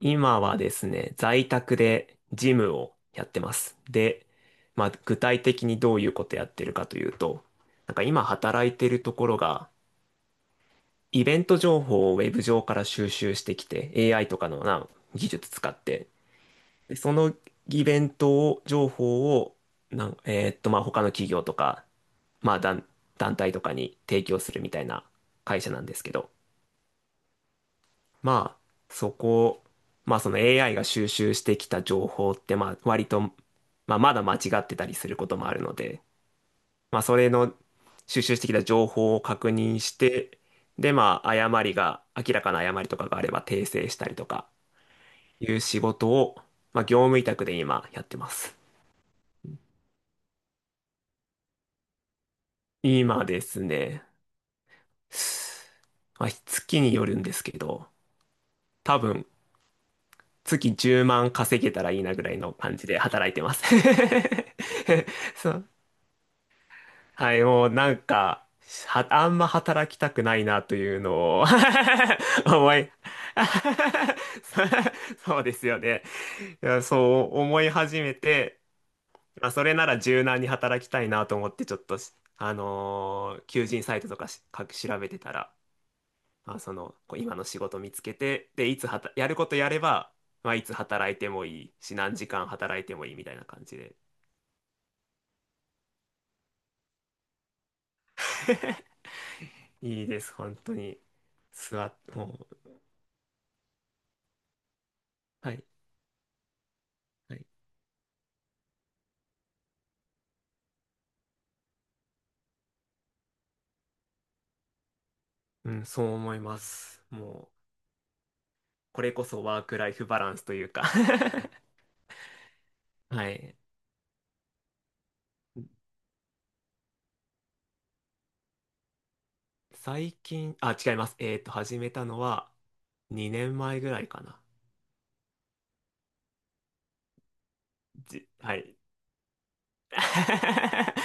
今はですね、在宅でジムをやってます。で、まあ、具体的にどういうことやってるかというと、なんか今働いてるところが、イベント情報をウェブ上から収集してきて、AI とかのな、技術使って、で、そのイベントを、情報を、なん、えーっと、まあ、他の企業とか、まあ、団、団体とかに提供するみたいな会社なんですけど、まあ、そこ、まあその AI が収集してきた情報って、まあ割と、まあまだ間違ってたりすることもあるので、まあそれの収集してきた情報を確認して、でまあ誤りが、明らかな誤りとかがあれば訂正したりとかいう仕事を、まあ業務委託で今やってます。今ですね、まあ月によるんですけど、多分月10万稼げたらいいなぐらいの感じで働いてます。そう、はい、もうなんか、あんま働きたくないなというのを 思い そうですよね。いや、そう思い始めて、まあ、それなら柔軟に働きたいなと思って、ちょっとし、あのー求人サイトとかか調べてたら、まあ、その、こう今の仕事見つけて、で、いつはた、やることやれば、まあ、いつ働いてもいいし、何時間働いてもいいみたいな感じで。いいです、本当に。もう、はい。はい、うん、そう思います。もう、これこそワークライフバランスというか はい。最近、あ、違います。えっと、始めたのは2年前ぐらいかな。じ、はい。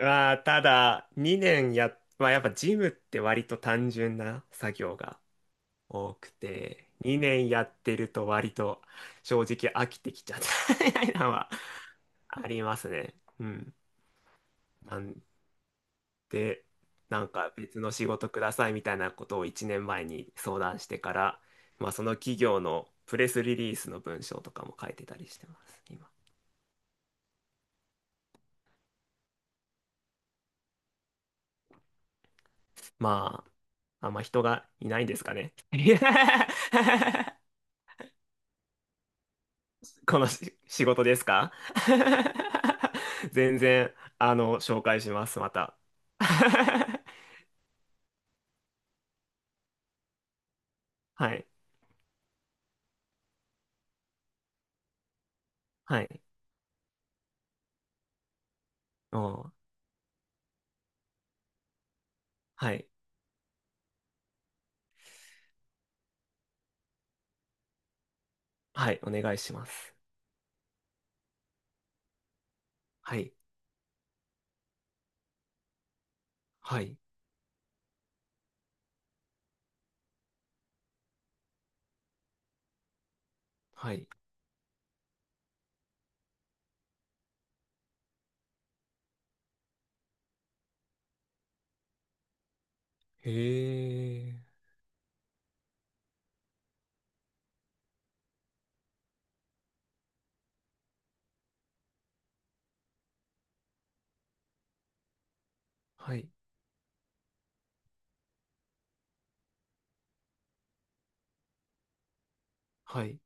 まあ、ただ、2年や、まあ、やっぱジムって割と単純な作業が多くて、2年やってると割と正直飽きてきちゃった みたいなのはありますね。うん。なんで、なんか別の仕事くださいみたいなことを1年前に相談してから、まあ、その企業のプレスリリースの文章とかも書いてたりしてます、今。まあ、あんま人がいないんですかね。いや、このし仕事ですか？ 全然、あの、紹介します、また。はい、はい、お、う、はい、はい、お願いします。はい、はい、はい。へえ、はい。はい。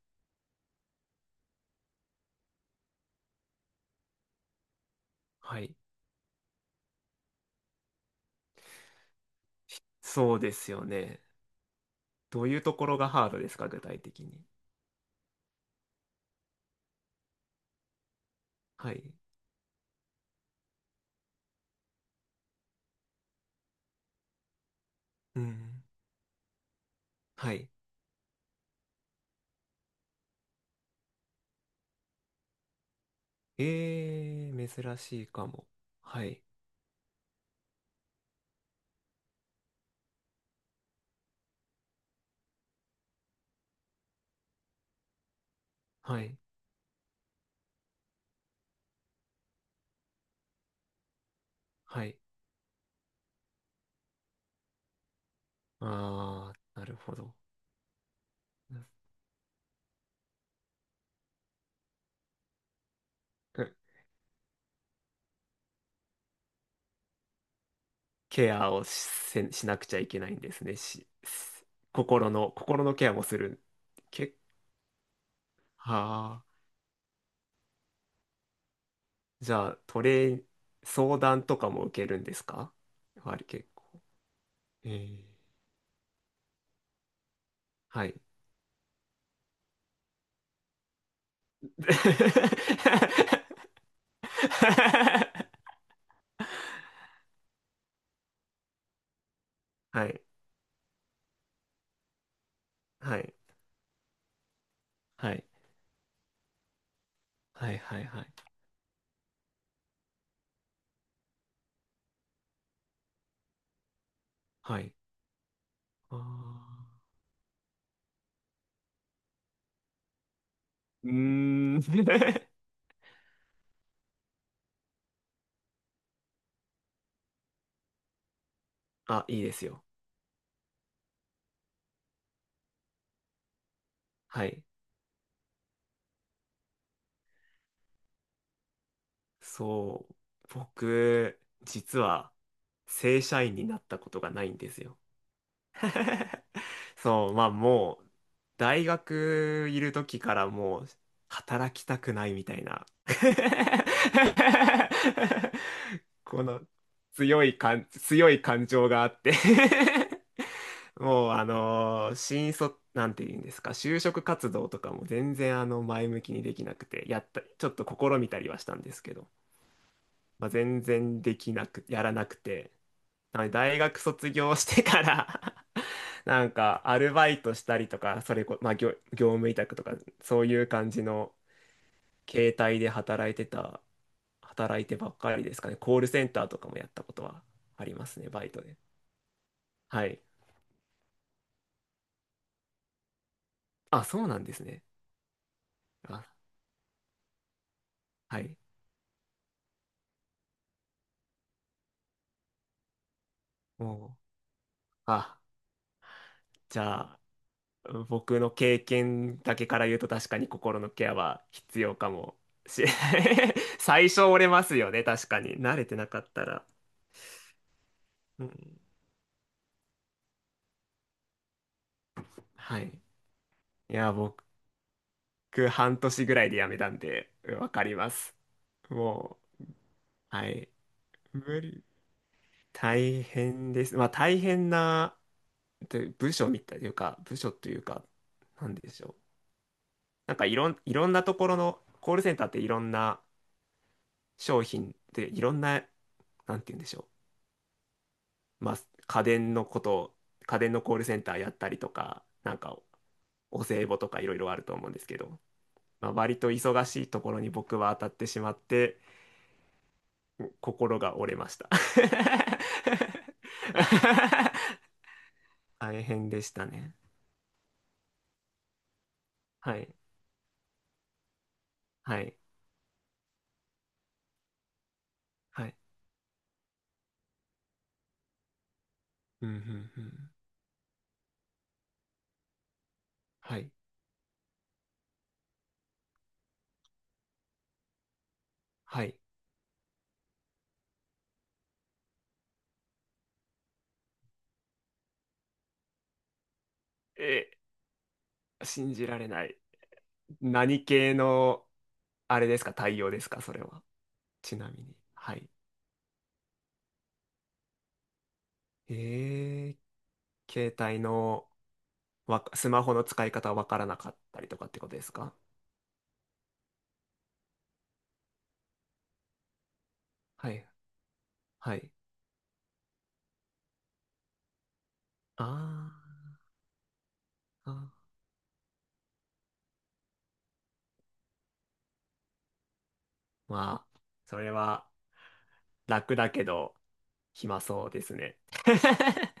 はい。そうですよね。どういうところがハードですか、具体的に。はい。うん。はい。えー、珍しいかも。はい。はい。はい。あー、なるほど。うん、ケアをしなくちゃいけないんですね。心の、心のケアもする。け、はあ、じゃあ、トレー、相談とかも受けるんですか？割り結構。えー、はい。はい。はい。はい。はい、はい、はい。はい。あー、うーん。あ、いいですよ。はい。そう。僕、実は、正社員になったことがないんですよ。そう、まあもう、大学いる時からもう、働きたくないみたいな。この強い感情があって、もうあのー新卒なんて言うんですか、就職活動とかも全然あの前向きにできなくて、やったちょっと試みたりはしたんですけど、まあ、全然できなくやらなくて、なので大学卒業してから なんかアルバイトしたりとか、それこ、まあ、業務委託とかそういう感じの携帯で働いてばっかりですかね。コールセンターとかもやったことはありますね、バイトで。はい、あ、そうなんですね。あ、はい。お、あ、じゃあ、うん、僕の経験だけから言うと確かに心のケアは必要かもしれない。 最初折れますよね、確かに。慣れてなかったら。うん、はい。いや、僕、半年ぐらいで辞めたんで、うんわかります。もう、はい。無理。大変です。まあ、大変な、で部署みたいというか、部署というか、なんでしょう。いろんなところの、コールセンターっていろんな商品でいろんな、なんて言うんでしょう。まあ、家電のこと家電のコールセンターやったりとか、なんかお歳暮とかいろいろあると思うんですけど、まあ、割と忙しいところに僕は当たってしまって、心が折れました。大変でしたね。はい。はい。はい。うん、うん、うん。はい。はい。え、信じられない。何系の、あれですか、対応ですか、それは。ちなみに。はい。ええ、携帯のわスマホの使い方わからなかったりとかってことですか？はい、はい。あー、あー、まあ、それは楽だけど、暇そうですね。